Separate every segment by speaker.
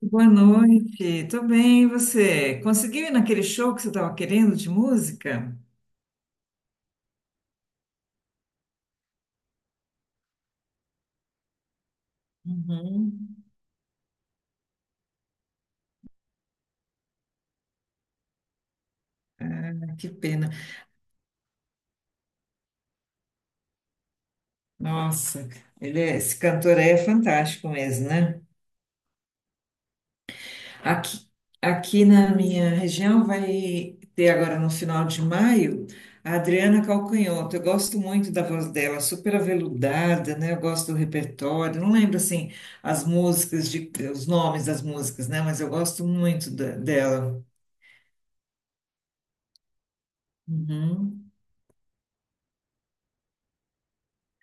Speaker 1: Boa noite, tô bem, e você? Conseguiu ir naquele show que você estava querendo de música? Uhum. Ah, que pena. Nossa, esse cantor aí é fantástico mesmo, né? Aqui, aqui na minha região vai ter agora no final de maio a Adriana Calcanhoto. Eu gosto muito da voz dela, super aveludada, né? Eu gosto do repertório. Não lembro assim as músicas de, os nomes das músicas, né? Mas eu gosto muito dela. Uhum.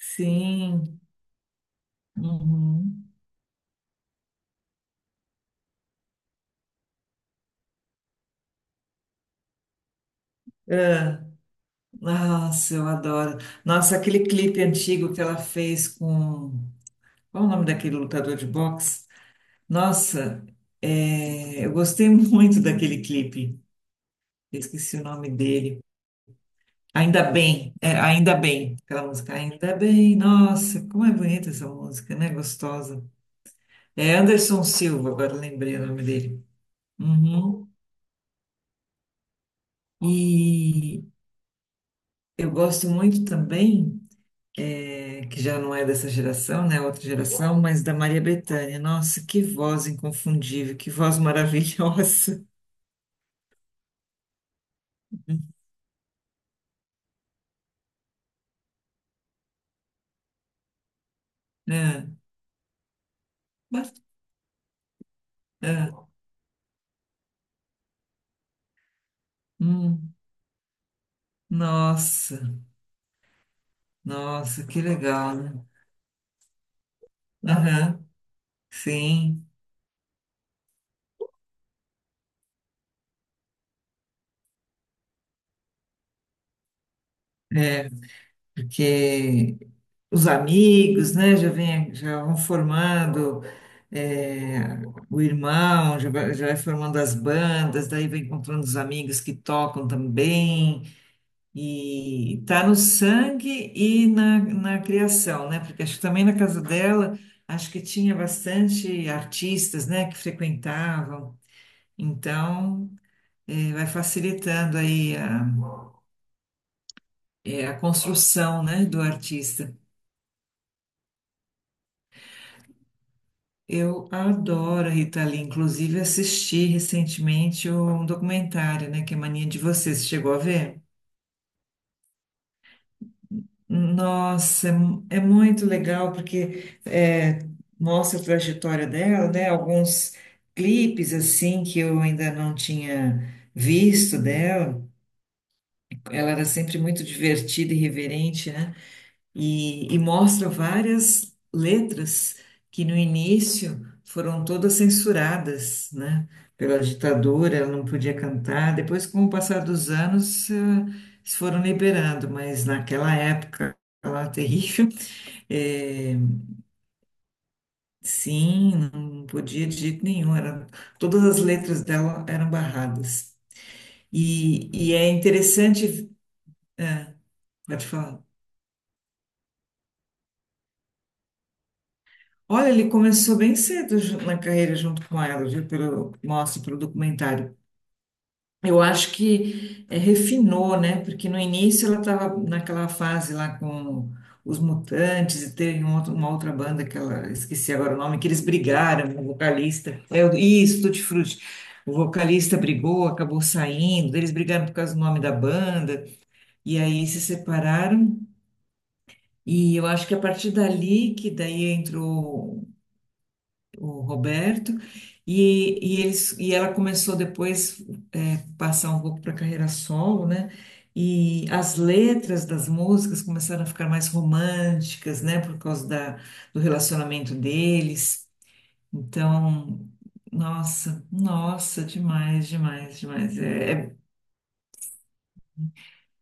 Speaker 1: Sim. Uhum. Ah, nossa, eu adoro. Nossa, aquele clipe antigo que ela fez com. Qual o nome daquele lutador de boxe? Nossa, é, eu gostei muito daquele clipe. Eu esqueci o nome dele. Ainda bem, é, ainda bem, aquela música, ainda bem, nossa, como é bonita essa música, né? Gostosa. É Anderson Silva, agora lembrei o nome dele. Uhum. E eu gosto muito também. É, que já não é dessa geração, né? Outra geração, mas da Maria Bethânia. Nossa, que voz inconfundível, que voz maravilhosa. É, mas- é, hum, nossa, nossa, que legal, né? Aham, sim, porque os amigos, né, já vem, já vão formando é, o irmão, já vai formando as bandas, daí vai encontrando os amigos que tocam também. E está no sangue e na, na criação, né? Porque acho que também na casa dela, acho que tinha bastante artistas, né, que frequentavam. Então, vai facilitando aí a, a construção, né, do artista. Eu adoro a Rita Lee, inclusive assisti recentemente um documentário, né, que é Mania de Você. Você chegou a ver? Nossa, é, é muito legal porque é, mostra a trajetória dela, né? Alguns clipes assim que eu ainda não tinha visto dela. Ela era sempre muito divertida e reverente, né? E mostra várias letras que no início foram todas censuradas, né, pela ditadura, ela não podia cantar. Depois, com o passar dos anos, eles foram liberando, mas naquela época lá terrível, eh, sim, não podia de jeito nenhum. Era, todas as letras dela eram barradas. E é interessante, pode falar. Olha, ele começou bem cedo na carreira junto com ela, viu? Pelo, mostra pelo documentário. Eu acho que refinou, né? Porque no início ela estava naquela fase lá com os Mutantes e teve uma outra banda que ela, esqueci agora o nome, que eles brigaram, o vocalista. É, isso, Tutti Frutti. O vocalista brigou, acabou saindo, eles brigaram por causa do nome da banda, e aí se separaram. E eu acho que a partir dali que daí entrou. O Roberto, eles, e ela começou depois é, passar um pouco para carreira solo, né? E as letras das músicas começaram a ficar mais românticas, né? Por causa da, do relacionamento deles. Então, nossa, nossa, demais, demais, demais. É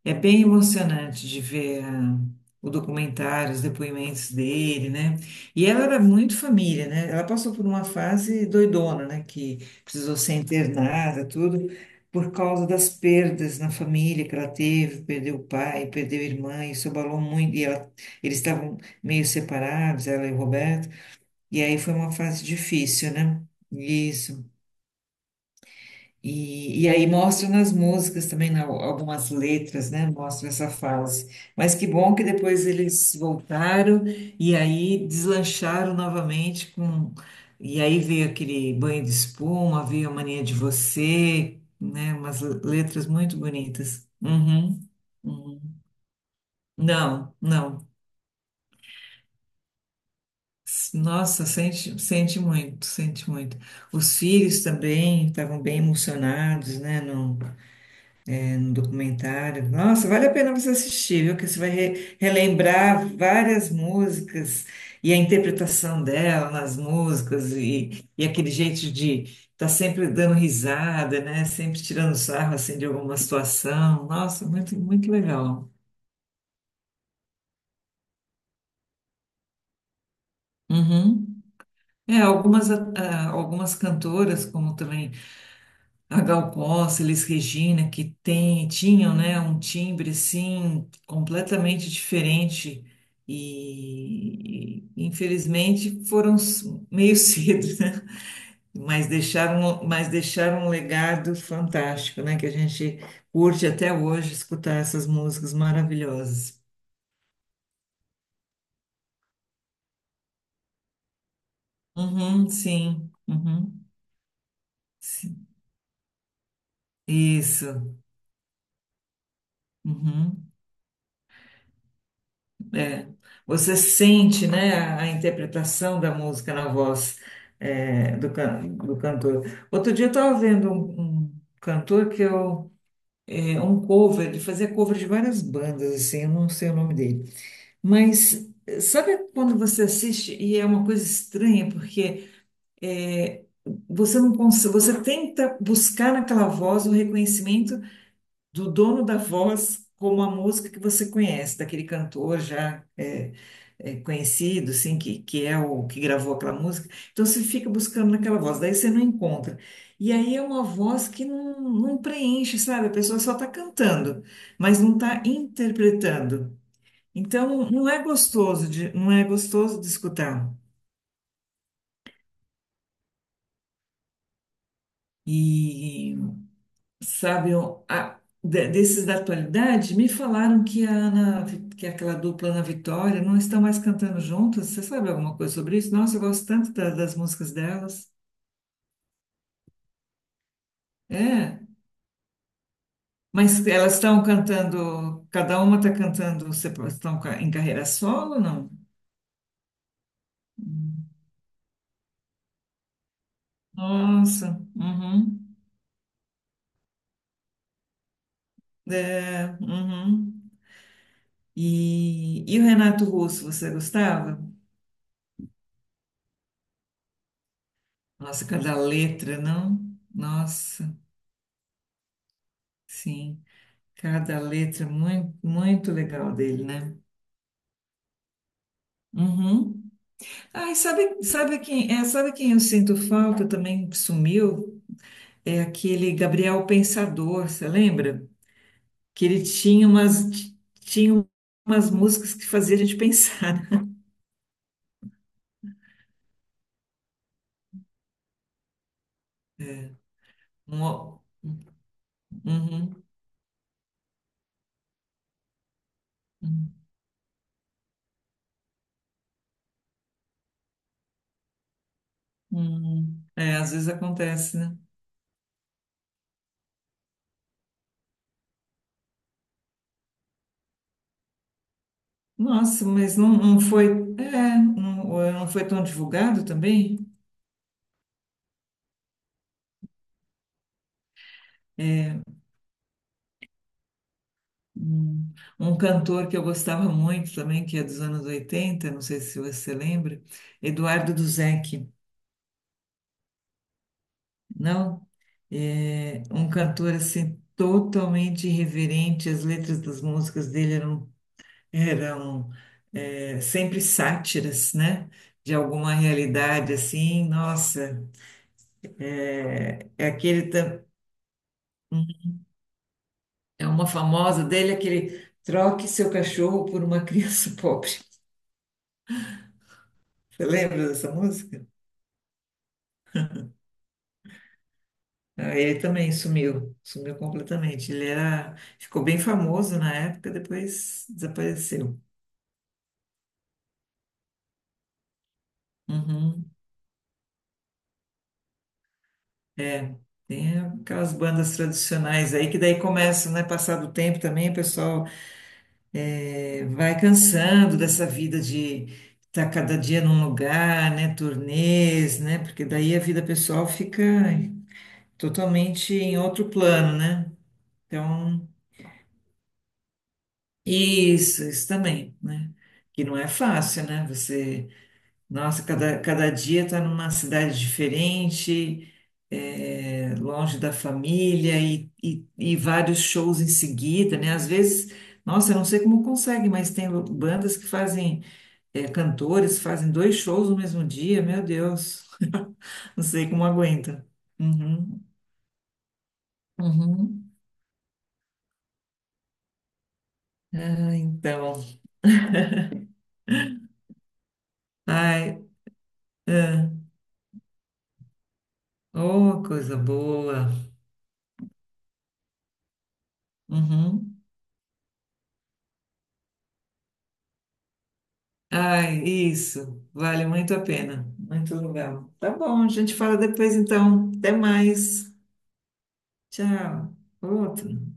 Speaker 1: é bem emocionante de ver o documentário, os depoimentos dele, né? E ela era muito família, né? Ela passou por uma fase doidona, né? Que precisou ser internada, tudo, por causa das perdas na família que ela teve, perdeu o pai, perdeu a irmã, isso abalou muito. E eles estavam meio separados, ela e o Roberto, e aí foi uma fase difícil, né? Isso. E aí mostram nas músicas também, algumas letras, né? Mostra essa fase. Mas que bom que depois eles voltaram e aí deslancharam novamente com. E aí veio aquele banho de espuma, veio a mania de você, né? Umas letras muito bonitas. Uhum, uhum. Não, não. Nossa, sente, sente muito, sente muito. Os filhos também estavam bem emocionados, né? Um documentário. Nossa, vale a pena você assistir, viu? Que você vai relembrar várias músicas e a interpretação dela nas músicas e aquele jeito de estar sempre dando risada, né? Sempre tirando sarro assim de alguma situação. Nossa, muito, muito legal. Uhum. É, algumas, algumas cantoras, como também. A Gal Costa, Elis Regina, que tem, tinham, né, um timbre assim completamente diferente e infelizmente foram meio cedo, né? Mas deixaram um legado fantástico, né, que a gente curte até hoje escutar essas músicas maravilhosas. Uhum, sim, uhum, sim. Isso. Uhum. É, você sente, né, a interpretação da música na voz é, do, do cantor. Outro dia eu estava vendo um cantor que eu, é um cover, ele fazia cover de várias bandas, assim, eu não sei o nome dele. Mas eh, sabe quando você assiste e é uma coisa estranha, porque é, você não consegue, você tenta buscar naquela voz o reconhecimento do dono da voz como a música que você conhece, daquele cantor já é, é, conhecido, assim, que é o que gravou aquela música. Então você fica buscando naquela voz, daí você não encontra. E aí é uma voz que não, não preenche, sabe? A pessoa só está cantando, mas não está interpretando. Então não é gostoso de, não é gostoso de escutar. E sabe, desses da atualidade, me falaram que a que é aquela dupla Ana Vitória não estão mais cantando juntas. Você sabe alguma coisa sobre isso? Nossa, eu gosto tanto das músicas delas. É, mas elas estão cantando, cada uma está cantando, em carreira solo, não? Hum. Nossa, uhum. É, uhum. E o Renato Russo, você gostava? Nossa, cada letra, não? Nossa, sim. Cada letra muito, muito legal dele, né? Uhum. Ah, e sabe, sabe quem, é, sabe quem eu sinto falta também que sumiu? É aquele Gabriel Pensador, você lembra? Que ele tinha umas, tinha umas músicas que fazia a gente pensar. É. Um ó- uhum, uhum, uhum. É, às vezes acontece, né? Nossa, mas não, não foi, é, não, não foi tão divulgado também? É. Hum. Um cantor que eu gostava muito também, que é dos anos 80 não sei se você lembra, Eduardo Duzec, não? É um cantor assim totalmente irreverente, as letras das músicas dele eram, eram é, sempre sátiras, né? De alguma realidade assim, nossa, é, é aquele é uma famosa dele, aquele troque seu cachorro por uma criança pobre. Você lembra dessa música? Não, ele também sumiu, sumiu completamente. Ele era, ficou bem famoso na época, depois desapareceu. Uhum, é, tem aquelas bandas tradicionais aí que daí começam, né? Passar do tempo também, o pessoal é, vai cansando dessa vida de estar cada dia num lugar, né? Turnês, né? Porque daí a vida pessoal fica totalmente em outro plano, né? Então, isso também, né? Que não é fácil, né? Você nossa, cada, cada dia está numa cidade diferente, é, longe da família e vários shows em seguida, né? Às vezes, nossa, eu não sei como consegue, mas tem bandas que fazem, é, cantores fazem dois shows no mesmo dia, meu Deus, não sei como aguenta. Uhum, uhum. Ah, então, ai, ah, oh, coisa boa. Uhum. Ai, isso. Vale muito a pena. Muito legal. Tá bom, a gente fala depois então. Até mais. Tchau. Outro.